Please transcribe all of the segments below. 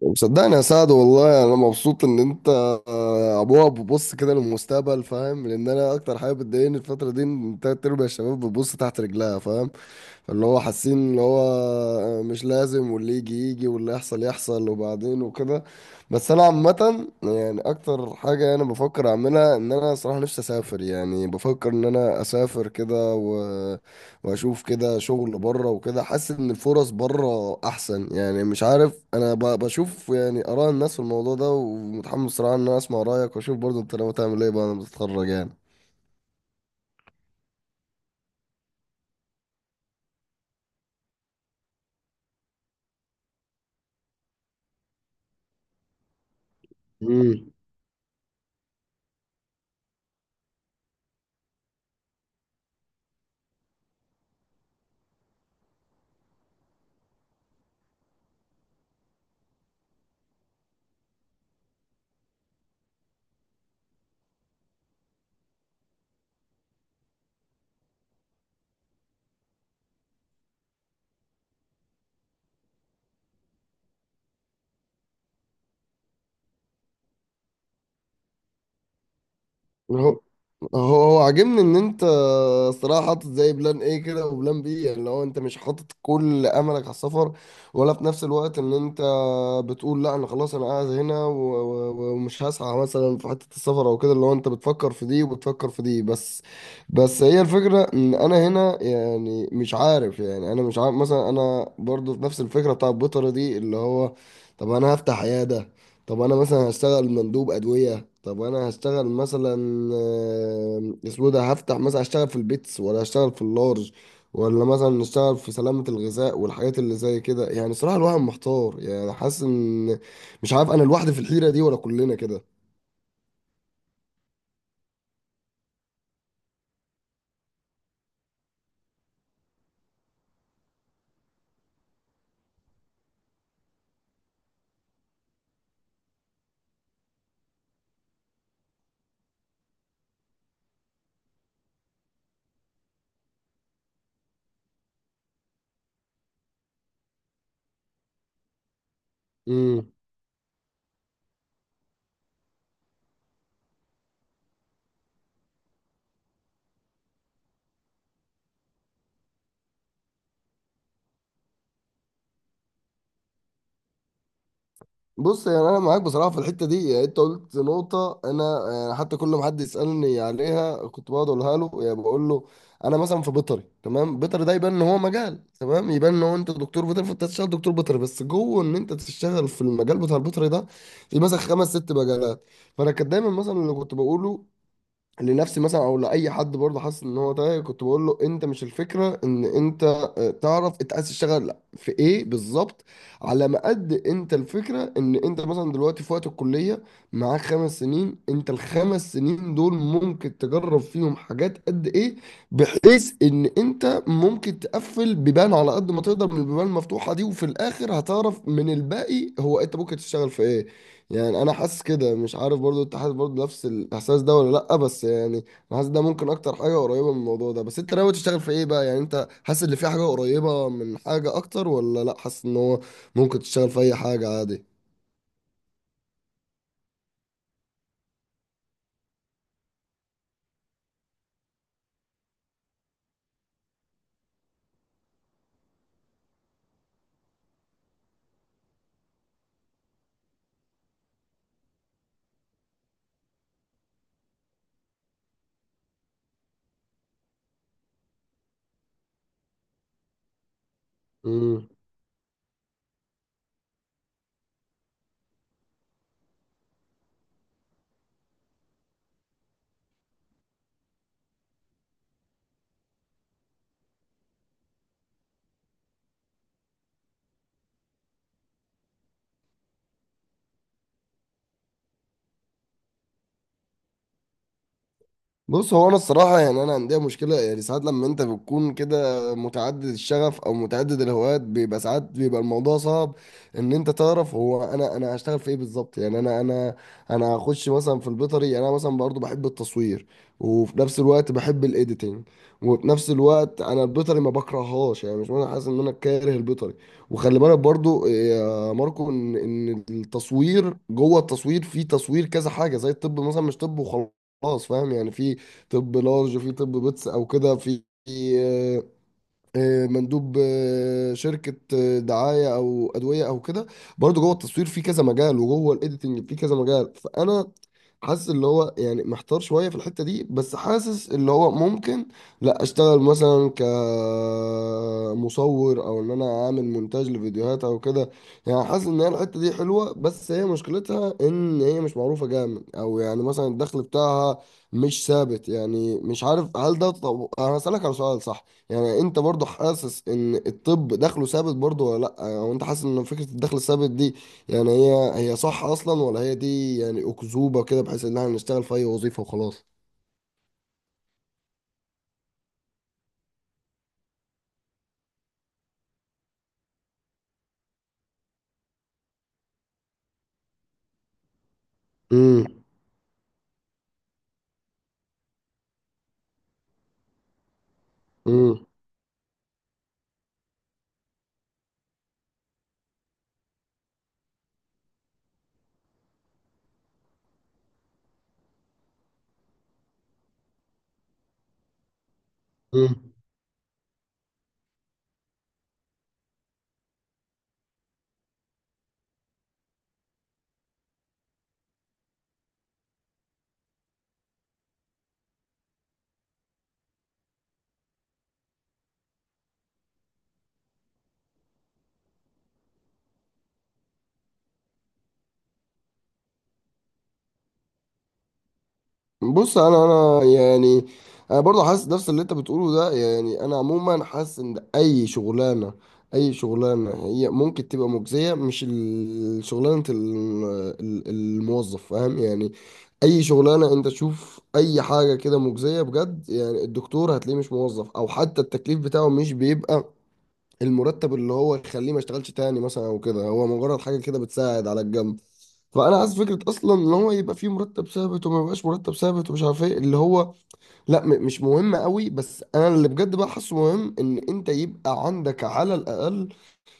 وصدقني يا سعد، والله انا مبسوط ان انت ابوها بتبص كده للمستقبل، فاهم؟ لان انا اكتر حاجه بتضايقني الفتره دي ان تلات ارباع الشباب بتبص تحت رجلها، فاهم؟ فاللي هو حاسين اللي هو مش لازم، واللي يجي يجي واللي يحصل يحصل، وبعدين وكده. بس انا عامة، يعني اكتر حاجة انا بفكر اعملها ان انا صراحة نفسي اسافر. يعني بفكر ان انا اسافر كده واشوف كده شغل بره وكده، حاسس ان الفرص بره احسن. يعني مش عارف، انا بشوف يعني اراء الناس في الموضوع ده، ومتحمس صراحة ان انا اسمع رأيك واشوف برضه انت لو تعمل ايه بعد ما تتخرج. يعني هو هو هو عاجبني ان انت الصراحه حاطط زي بلان ايه كده، وبلان بي. يعني لو انت مش حاطط كل املك على السفر، ولا في نفس الوقت ان انت بتقول لا انا خلاص، انا قاعد هنا ومش هسعى مثلا في حته السفر او كده، اللي هو انت بتفكر في دي وبتفكر في دي بس هي الفكره ان انا هنا، يعني مش عارف. يعني انا مش عارف مثلا، انا برضو في نفس الفكره بتاع البيطره دي، اللي هو طب انا هفتح عياده؟ طب انا مثلا هشتغل مندوب ادويه؟ طب انا هشتغل مثلا اسمه ده، هفتح مثلا، هشتغل في البيتس ولا هشتغل في اللارج، ولا مثلا اشتغل في سلامه الغذاء والحاجات اللي زي كده؟ يعني صراحه الواحد محتار، يعني حاسس ان مش عارف، انا لوحدي في الحيره دي ولا كلنا كده؟ بص، يعني انا معاك بصراحه في الحته دي. يعني انت قلت نقطه، انا يعني حتى كل ما حد يسالني عليها كنت بقعد اقولها له. يعني بقول له انا مثلا في بيطري، تمام، بيطري ده يبان ان هو مجال، تمام، يبان ان هو انت دكتور بيطري فانت تشتغل دكتور بيطري، بس جوه ان انت تشتغل في المجال بتاع البيطري ده في مثلا خمس ست مجالات. فانا كان دايما مثلا اللي كنت بقوله لنفسي مثلا او لاي حد برضه حاسس ان هو تايه، كنت بقول له انت مش الفكره ان انت تعرف انت عايز تشتغل في ايه بالظبط. على ما قد انت، الفكره ان انت مثلا دلوقتي في وقت الكليه معاك 5 سنين، انت الخمس سنين دول ممكن تجرب فيهم حاجات قد ايه، بحيث ان انت ممكن تقفل بيبان على قد ما تقدر من البيبان المفتوحه دي، وفي الاخر هتعرف من الباقي هو انت ممكن تشتغل في ايه. يعني انا حاسس كده، مش عارف برضو انت حاسس برضو نفس الاحساس ده ولا لا؟ بس يعني انا حاسس ده ممكن اكتر حاجه قريبه من الموضوع ده. بس انت ناوي تشتغل في ايه بقى؟ يعني انت حاسس ان في حاجه قريبه من حاجه اكتر، ولا لا، حاسس ان هو ممكن تشتغل في اي حاجه؟ عادي. بص، هو انا الصراحه يعني انا عندي مشكله. يعني ساعات لما انت بتكون كده متعدد الشغف او متعدد الهوايات بيبقى ساعات بيبقى الموضوع صعب ان انت تعرف، هو انا هشتغل في ايه بالظبط. يعني انا هخش مثلا في البيطري، يعني انا مثلا برضو بحب التصوير، وفي نفس الوقت بحب الايديتنج، وفي نفس الوقت انا البيطري ما بكرههاش، يعني مش انا حاسس ان انا كاره البيطري. وخلي بالك برضو يا ماركو ان التصوير جوه التصوير في تصوير كذا حاجه، زي الطب مثلا مش طب وخلاص. خلاص فاهم؟ يعني في طب لارج، في طب بيتس، او كده، في مندوب شركة دعاية أو أدوية أو كده. برضه جوه التصوير في كذا مجال، وجوه الإيديتنج في كذا مجال، فأنا حاسس اللي هو يعني محتار شوية في الحتة دي. بس حاسس اللي هو ممكن لا، اشتغل مثلا كمصور او ان انا اعمل مونتاج لفيديوهات او كده. يعني حاسس ان هي الحتة دي حلوة، بس هي مشكلتها ان هي مش معروفة جامد، او يعني مثلا الدخل بتاعها مش ثابت. يعني مش عارف هل ده. طب انا هسألك على سؤال، صح؟ يعني انت برضو حاسس ان الطب دخله ثابت برضو ولا لا، او انت حاسس ان فكرة الدخل الثابت دي يعني هي هي صح اصلا، ولا هي دي يعني اكذوبه كده بحيث ان احنا نشتغل في اي وظيفه وخلاص؟ امم امم امم بص، انا يعني انا برضه حاسس نفس اللي انت بتقوله ده. يعني انا عموما حاسس ان اي شغلانه، اي شغلانه هي ممكن تبقى مجزيه، مش شغلانه الموظف فاهم يعني؟ اي شغلانه انت تشوف اي حاجه كده مجزيه بجد، يعني الدكتور هتلاقيه مش موظف، او حتى التكليف بتاعه مش بيبقى المرتب اللي هو يخليه ما يشتغلش تاني مثلا او كده، هو مجرد حاجه كده بتساعد على الجنب. فانا عايز فكره اصلا ان هو يبقى فيه مرتب ثابت وما يبقاش مرتب ثابت ومش عارف ايه اللي هو، لا مش مهم قوي. بس انا اللي بجد بقى حاسه مهم ان انت يبقى عندك على الاقل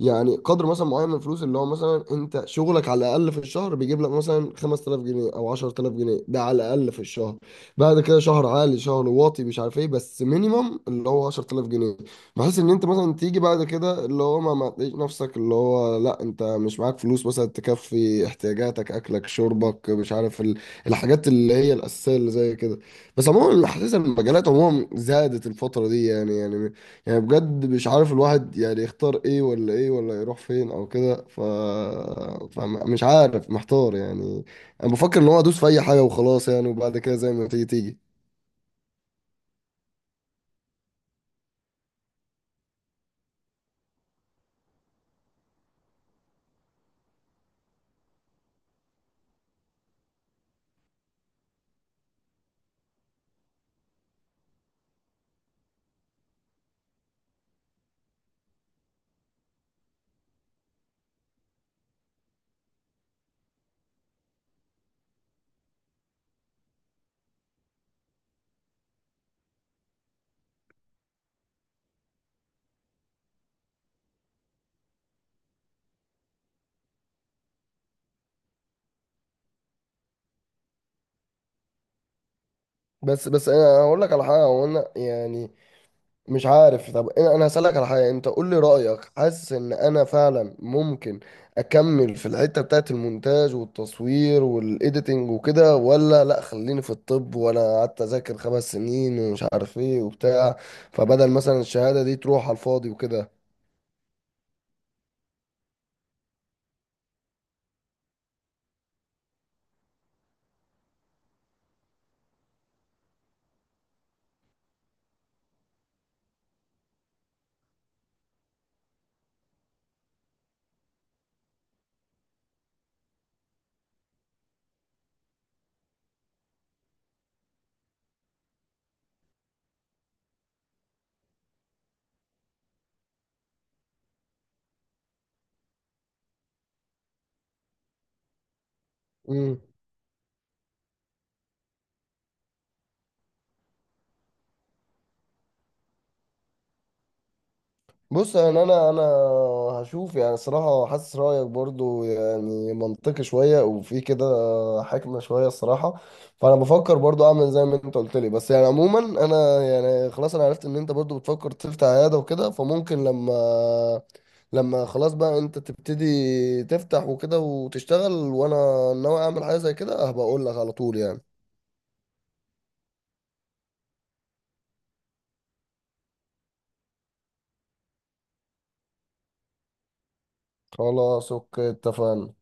يعني قدر مثلا معين من الفلوس، اللي هو مثلا انت شغلك على الاقل في الشهر بيجيب لك مثلا 5000 جنيه او 10000 جنيه، ده على الاقل في الشهر. بعد كده شهر عالي شهر واطي مش عارف ايه، بس مينيمم اللي هو 10000 جنيه، بحيث ان انت مثلا تيجي بعد كده اللي هو ما تلاقيش نفسك، اللي هو لا انت مش معاك فلوس مثلا تكفي احتياجاتك، اكلك شربك، مش عارف الحاجات اللي هي الاساسيه اللي زي كده. بس عموما حاسس ان المجالات عموما زادت الفتره دي، يعني بجد مش عارف الواحد يعني يختار ايه ولا ايه، ولا يروح فين او كده فمش عارف، محتار يعني. انا بفكر ان هو ادوس في اي حاجه وخلاص يعني، وبعد كده زي ما تيجي تيجي. بس انا هقول لك على حاجه، هو انا يعني مش عارف. طب انا هسألك على حاجة، انت قول لي رأيك، حاسس ان انا فعلا ممكن اكمل في الحتة بتاعت المونتاج والتصوير والايديتنج وكده، ولا لا خليني في الطب، وانا قعدت اذاكر 5 سنين ومش عارف ايه وبتاع، فبدل مثلا الشهادة دي تروح على الفاضي وكده. بص، انا هشوف. يعني صراحة حاسس رأيك برضو يعني منطقي شوية وفي كده حكمة شوية الصراحة. فانا بفكر برضو اعمل زي ما انت قلت لي، بس يعني عموما انا يعني خلاص انا عرفت ان انت برضو بتفكر تفتح عيادة وكده، فممكن لما خلاص بقى انت تبتدي تفتح وكده وتشتغل، وانا ناوي اعمل حاجة زي كده هبقى اقول لك على طول يعني. خلاص، اوكي، اتفقنا.